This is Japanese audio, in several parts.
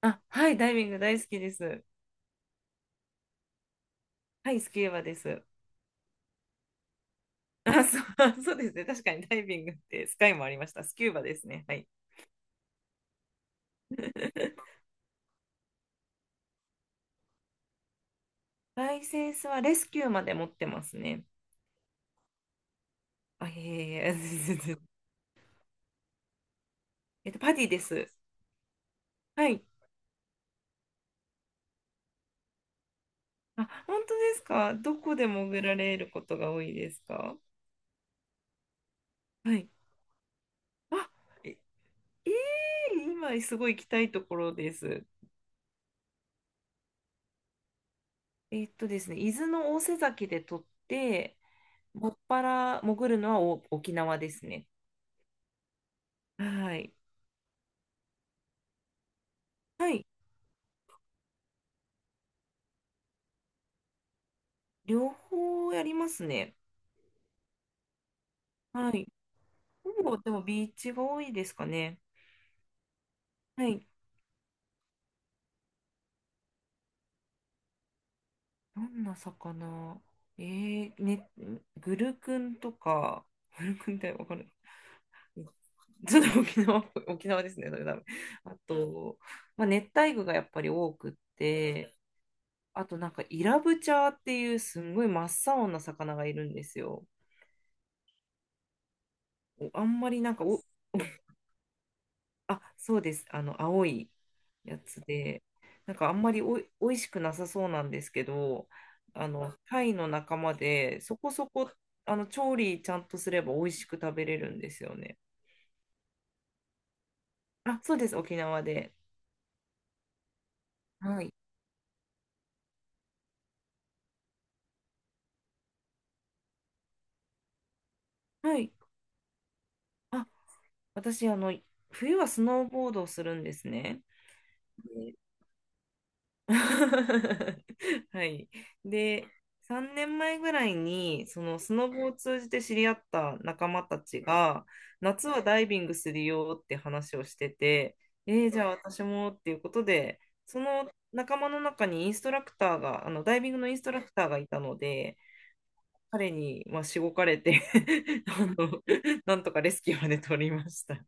あ、はい、ダイビング大好きです。はい、スキューバです。あ、そう、そうですね。確かにダイビングってスカイもありました。スキューバですね。はい。ライセンスはレスキューまで持ってますね。あ、いえいえ、全然。 パディです。はい。あ、本当ですか？どこで潜られることが多いですか？はい。あ、え、今すごい行きたいところです。ですね、伊豆の大瀬崎で撮って、もっぱら潜るのはお沖縄ですね。はい。はい。両方やりますね。はい。ほぼ、でもビーチが多いですかね。はい。どんな魚？ね、グルクンとか、グルクンってわかる？ちょっと沖縄ですね、それ多分。あと、まあ、熱帯魚がやっぱり多くって、あとなんかイラブチャーっていうすんごい真っ青な魚がいるんですよ。おあんまりなんかお、あ、そうです。青いやつで、なんかあんまりおいしくなさそうなんですけど、貝の仲間で、そこそこ、調理ちゃんとすれば美味しく食べれるんですよね。あ、そうです。沖縄で。はい。はい。あ、私、冬はスノーボードをするんですね。はい。で、3年前ぐらいに、そのスノボを通じて知り合った仲間たちが、夏はダイビングするよって話をしてて、じゃあ私もっていうことで、その仲間の中にインストラクターが、ダイビングのインストラクターがいたので、彼に、まあ、しごかれて。 あの、なんとかレスキューまで取りました。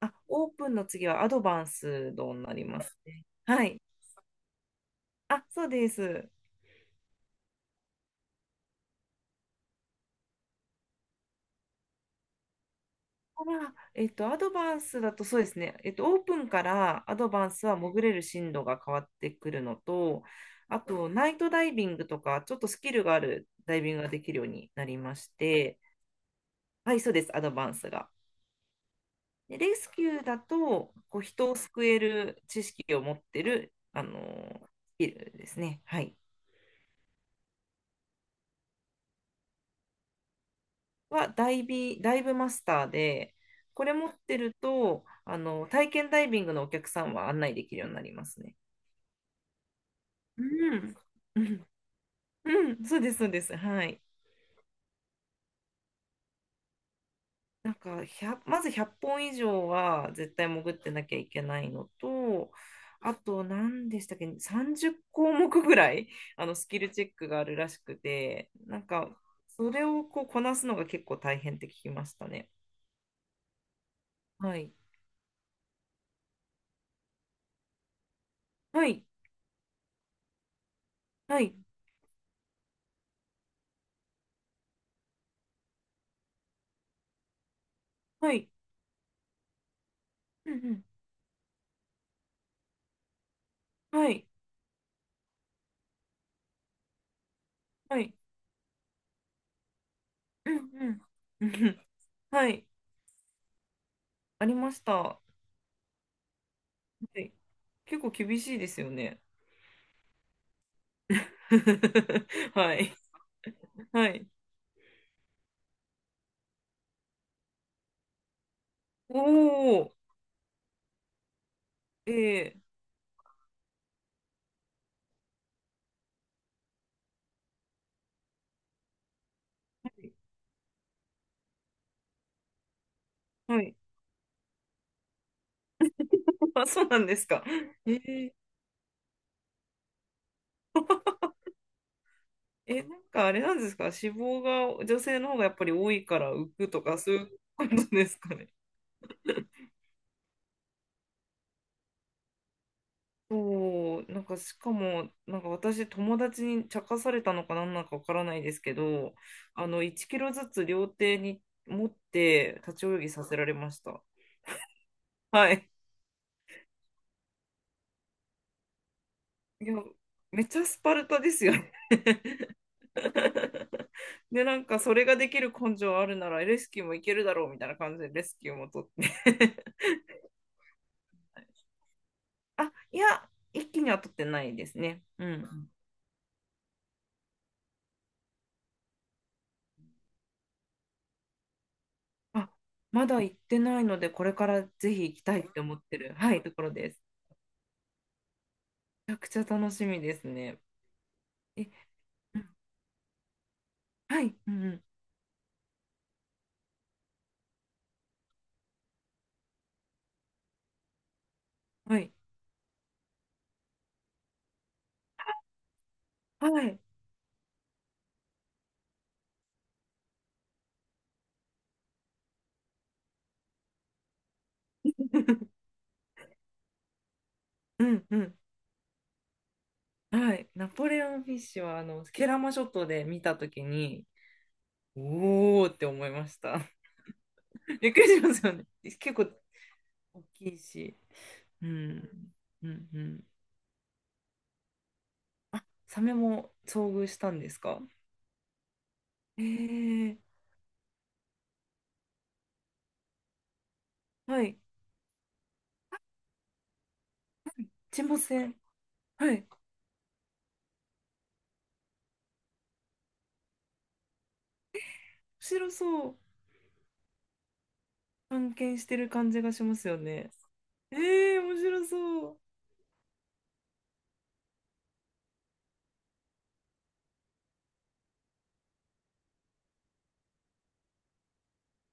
あ、オープンの次はアドバンスドになりますね。はい。あ、そうです。あ、アドバンスだとそうですね、オープンからアドバンスは潜れる進路が変わってくるのと、あと、ナイトダイビングとか、ちょっとスキルがあるダイビングができるようになりまして、はい、そうです、アドバンスが。で、レスキューだと、こう人を救える知識を持ってる、スキルですね、はい、はダイビ、ダイブマスターで、これ持ってると、体験ダイビングのお客さんは案内できるようになりますね。うん、うん、うん、そうです、そうです。はい。なんか、1、まず100本以上は絶対潜ってなきゃいけないのと、あと、何でしたっけ、30項目ぐらい、スキルチェックがあるらしくて、なんか、それをこうこなすのが結構大変って聞きましたね。はい。はい。はい。はい。うんうん。はい。はい。うんうん。うんうん、はい。ありました。はい。結構厳しいですよね。はい。はい。おお、ええ、はい。はい。 あ、そうなんですか。えええ、なんかあれなんですか？脂肪が女性の方がやっぱり多いから浮くとかそういうことですかね。そう、なんかしかも、なんか私友達に茶化されたのかなんなのかわからないですけど、1キロずつ両手に持って立ち泳ぎさせられました。はい。いや、めっちゃスパルタですよね。で、なんかそれができる根性あるならレスキューもいけるだろうみたいな感じでレスキューも取って。 あ、いや、一気には取ってないですね。うん。あ、まだ行ってないので、これからぜひ行きたいって思ってる、はい、ところです。めちゃくちゃ楽しみですね。え、うん、はい、うん、うん、はい、はい、うん、うん、はい。ナポレオンフィッシュは、ケラマ諸島で見たときに、おーって思いました。びっくりしますよね。結構大きいし。うん。うんうん。サメも遭遇したんですか？えー、はい。沈没船。はい。白そう。探検してる感じがしますよね。面白そう。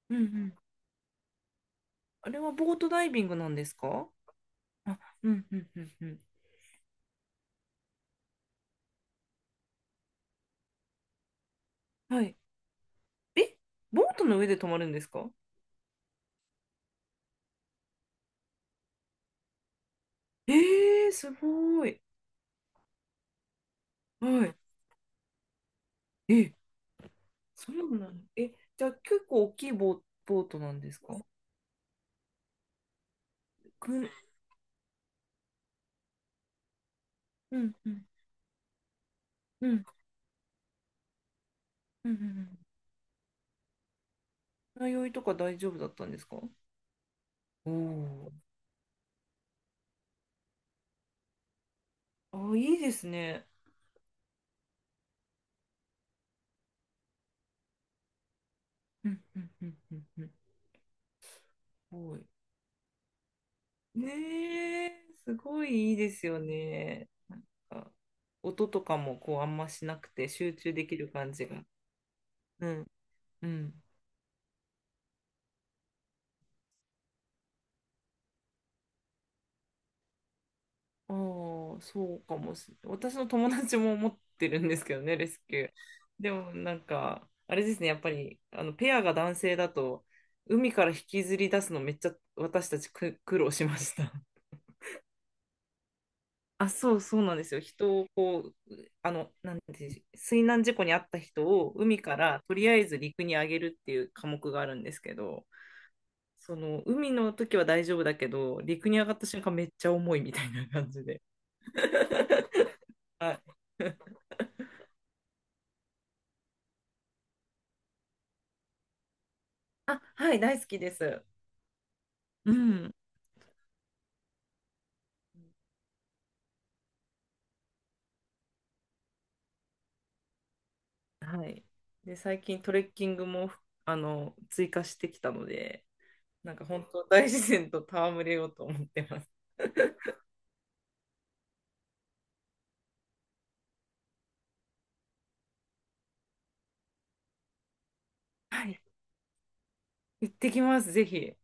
うんうん。あれはボートダイビングなんですか？あ、うんうんうんうん。はい。え、ボートの上で泊まるんですか？えすごい。はい。え、そうなの。え、じゃあ結構大きいボートなんですか？うんうん。うんうんうんうん。船いとか大丈夫だったんですか？おおー。あ、いいですね。うんうんうんうんうん。すごい。ねえ、すごいいいですよね。なんか、音とかもこうあんましなくて集中できる感じが。うん、うん。ああ、そうかもしれない。私の友達も持ってるんですけどね、レスキュー。でもなんか、あれですね、やっぱり、ペアが男性だと、海から引きずり出すのめっちゃ私たち苦労しました。あ、そうそうなんですよ。人をこう、なんて、水難事故に遭った人を海からとりあえず陸に上げるっていう科目があるんですけど、その海の時は大丈夫だけど、陸に上がった瞬間めっちゃ重いみたいな感じで。はい。あ、はい、大好きです。うん。はい。で、最近トレッキングも、追加してきたので、なんか本当大自然と戯れようと思ってます。はい。行ってきます、ぜひ。